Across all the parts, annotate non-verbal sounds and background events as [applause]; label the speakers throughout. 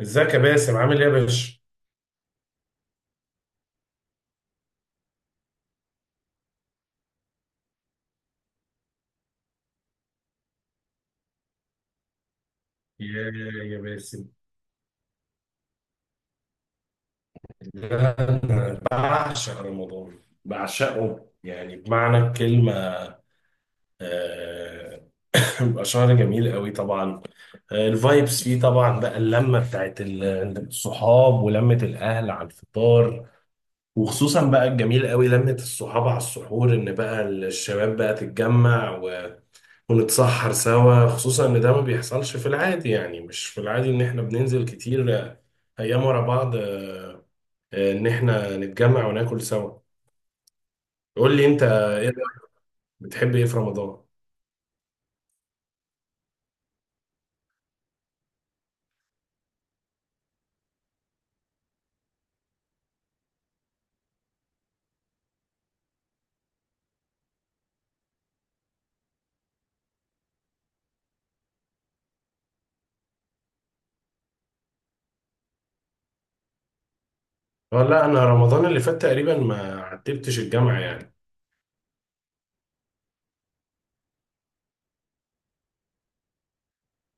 Speaker 1: ازيك يا باسم؟ عامل ايه يا باشا؟ يا يا باسم، ده انا بعشق رمضان. بعشقه يعني بمعنى الكلمة. آه، [laughs] بيبقى شهر جميل قوي طبعا. الفايبس فيه طبعا، بقى اللمة بتاعت الصحاب ولمة الأهل على الفطار. وخصوصا بقى الجميل قوي لمة الصحاب على السحور، إن بقى الشباب بقى تتجمع ونتسحر سوا، خصوصا ان ده ما بيحصلش في العادي، يعني مش في العادي ان احنا بننزل كتير ايام ورا بعض، ان احنا نتجمع وناكل سوا. قول لي انت ايه رأيك؟ بتحب ايه في رمضان؟ اه، لا انا رمضان اللي فات تقريبا ما عتبتش الجامعة يعني.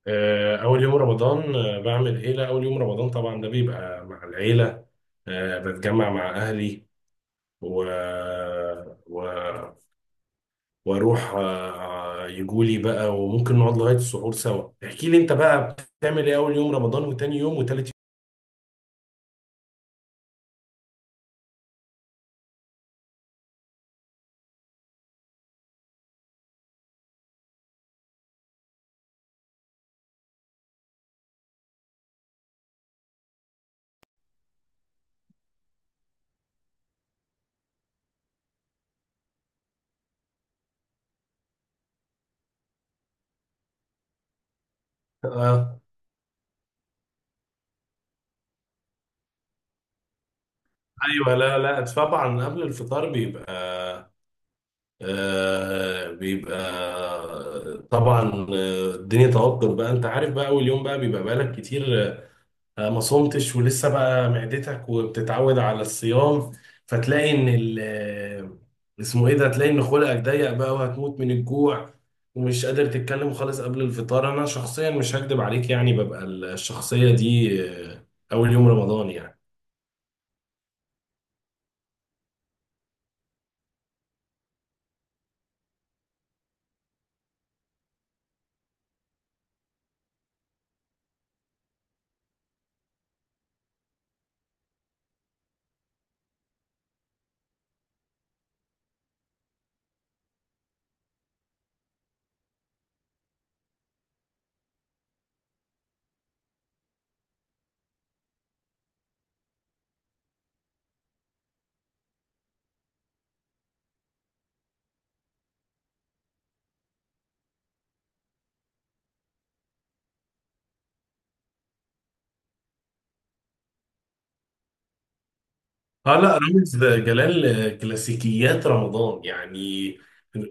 Speaker 1: اول يوم رمضان، بعمل ايه؟ لا اول يوم رمضان طبعا ده بيبقى مع العيلة. بتجمع مع اهلي و... و... واروح يجولي بقى، وممكن نقعد لغايه السحور سوا. احكي لي انت بقى بتعمل ايه اول يوم رمضان وتاني يوم وتالت يوم. آه. ايوه، لا لا طبعا قبل الفطار بيبقى، آه بيبقى طبعا، الدنيا توتر بقى، انت عارف بقى اول يوم بقى بيبقى بقالك كتير ما صمتش، ولسه بقى معدتك وبتتعود على الصيام، فتلاقي ان ال آه، اسمه ايه ده، تلاقي ان خلقك ضيق بقى وهتموت من الجوع ومش قادر تتكلم خالص قبل الفطار. انا شخصيا مش هكدب عليك، يعني ببقى الشخصية دي اول يوم رمضان يعني. اه، لا رامز جلال كلاسيكيات رمضان يعني.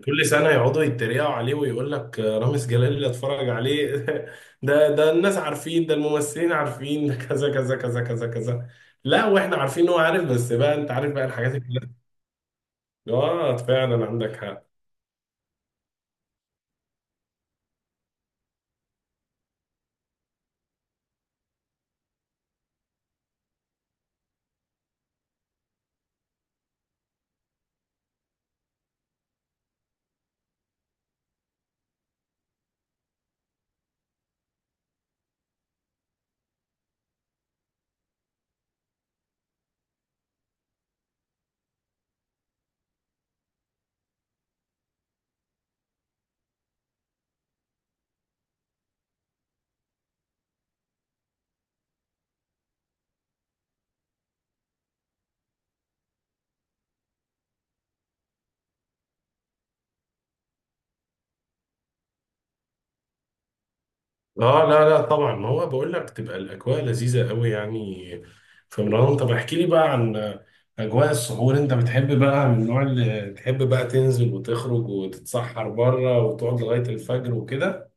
Speaker 1: كل سنة يقعدوا يتريقوا عليه ويقول لك رامز جلال اللي اتفرج عليه [laughs] ده الناس عارفين، ده الممثلين عارفين، ده كذا كذا كذا كذا كذا. لا، واحنا عارفين ان هو عارف، بس بقى انت عارف بقى الحاجات الكلاسيكية. اه فعلا عندك حق. اه لا لا طبعا، ما هو بقول لك تبقى الاجواء لذيذه قوي يعني في رمضان. طب احكي لي بقى عن اجواء السحور. انت بتحب بقى من النوع اللي تحب بقى تنزل وتخرج وتتسحر بره وتقعد لغايه الفجر وكده؟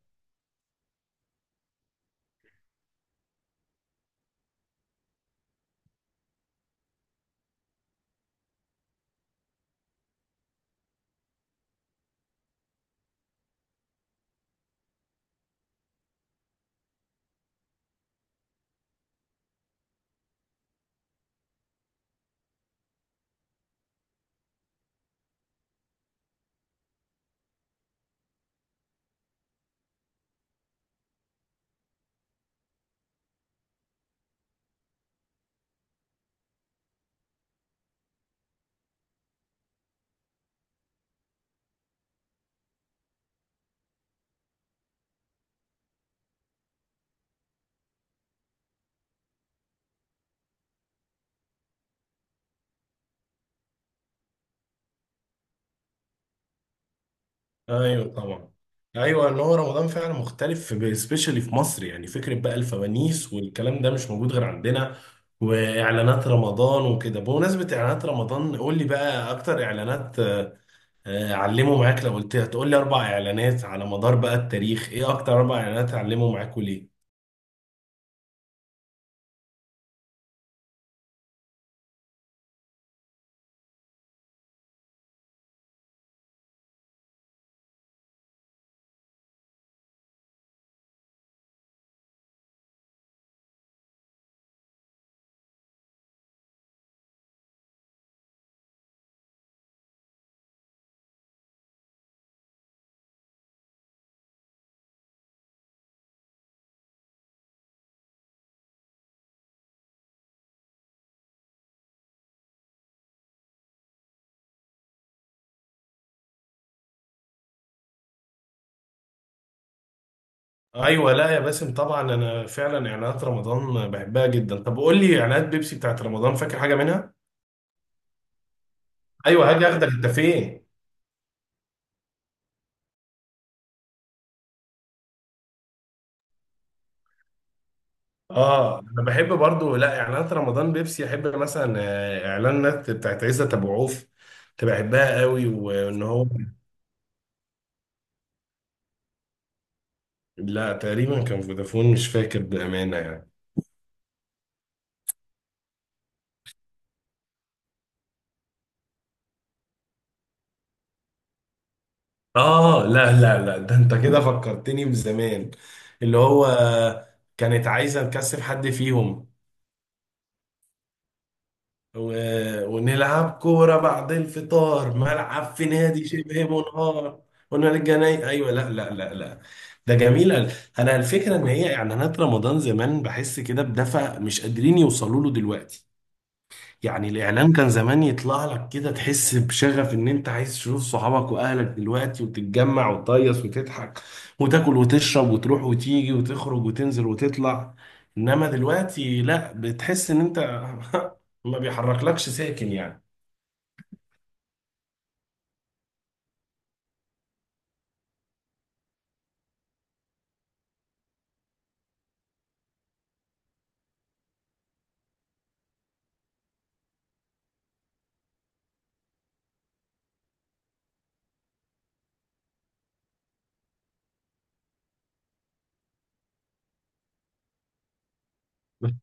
Speaker 1: ايوه طبعا. ايوه ان هو رمضان فعلا مختلف، سبيشالي في مصر. يعني فكره بقى الفوانيس والكلام ده مش موجود غير عندنا، واعلانات رمضان وكده. بمناسبه اعلانات رمضان، قول لي بقى اكتر اعلانات علموا معاك. لو قلت هتقول لي اربع اعلانات على مدار بقى التاريخ، ايه اكتر اربع اعلانات علموا معاك وليه؟ ايوه لا يا باسم، طبعا انا فعلا اعلانات رمضان بحبها جدا. طب قول لي اعلانات بيبسي بتاعت رمضان، فاكر حاجه منها؟ ايوه، هاجي اخدك انت فين. اه انا بحب برضو، لا اعلانات رمضان بيبسي احب مثلا اعلانات بتاعت عزت ابو عوف، كنت بحبها قوي وان هو. لا تقريبا كان فودافون، مش فاكر بامانه يعني. اه لا لا لا، ده انت كده فكرتني بزمان، اللي هو كانت عايزه نكسب حد فيهم، و... ونلعب كوره بعد الفطار ملعب في نادي شبه منهار، ونرجع ناي. ايوه لا لا لا لا. ده جميل أوي. انا الفكره ان هي اعلانات رمضان زمان بحس كده بدفع مش قادرين يوصلوا له دلوقتي. يعني الإعلام كان زمان يطلع لك كده تحس بشغف إن أنت عايز تشوف صحابك وأهلك دلوقتي وتتجمع وتهيص وتضحك وتاكل وتشرب وتروح وتيجي وتخرج وتنزل وتطلع. إنما دلوقتي لأ، بتحس إن أنت [laughs] ما بيحركلكش ساكن يعني.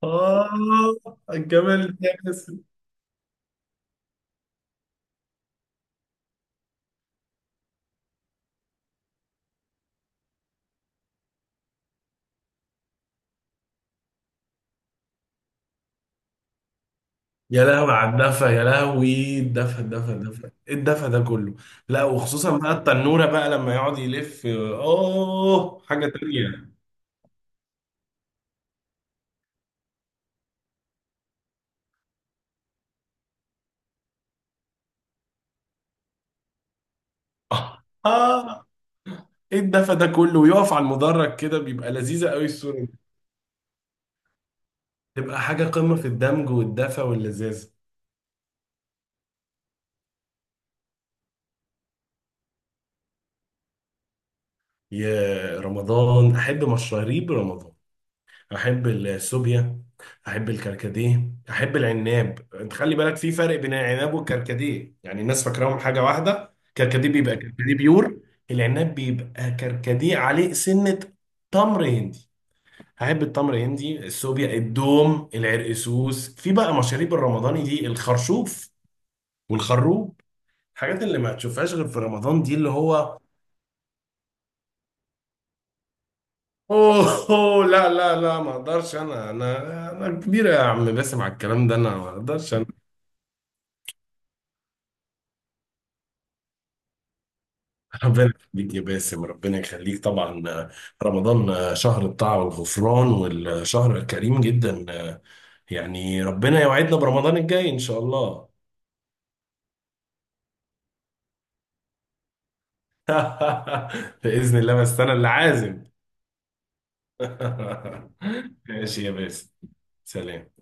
Speaker 1: آه، الجمال ده يا باسم. يا لهوي على الدفا، يا لهوي الدفا الدفا الدفا، إيه الدفا ده كله. لا وخصوصا بقى التنورة بقى لما يقعد يلف، آه حاجة تانية. [laughs] آه، ايه الدفى ده كله، ويقف على المدرج كده، بيبقى لذيذة قوي الصورة دي. تبقى حاجة قمة في الدمج والدفى واللذاذة. يا رمضان، احب مشاريب رمضان. احب السوبيا، احب الكركديه، احب العناب. انت خلي بالك في فرق بين العناب والكركديه، يعني الناس فاكراهم حاجة واحدة. كركديه بيبقى كركديه بيور، العناب بيبقى كركديه عليه سنة. تمر هندي، احب التمر هندي، السوبيا، الدوم، العرقسوس، في بقى مشاريب الرمضاني دي، الخرشوف والخروب، الحاجات اللي ما تشوفهاش غير في رمضان دي اللي هو. اوه، أوه، لا لا لا ما اقدرش انا، انا كبيره يا عم باسم على الكلام ده، انا ما اقدرش انا. [laughs] ربنا يخليك يا باسم، ربنا يخليك طبعا. رمضان شهر الطاعه والغفران والشهر الكريم جدا، يعني ربنا يوعدنا برمضان الجاي ان شاء الله. [laughs] باذن الله بس انا اللي عازم. [laughs] ماشي يا باسم. سلام.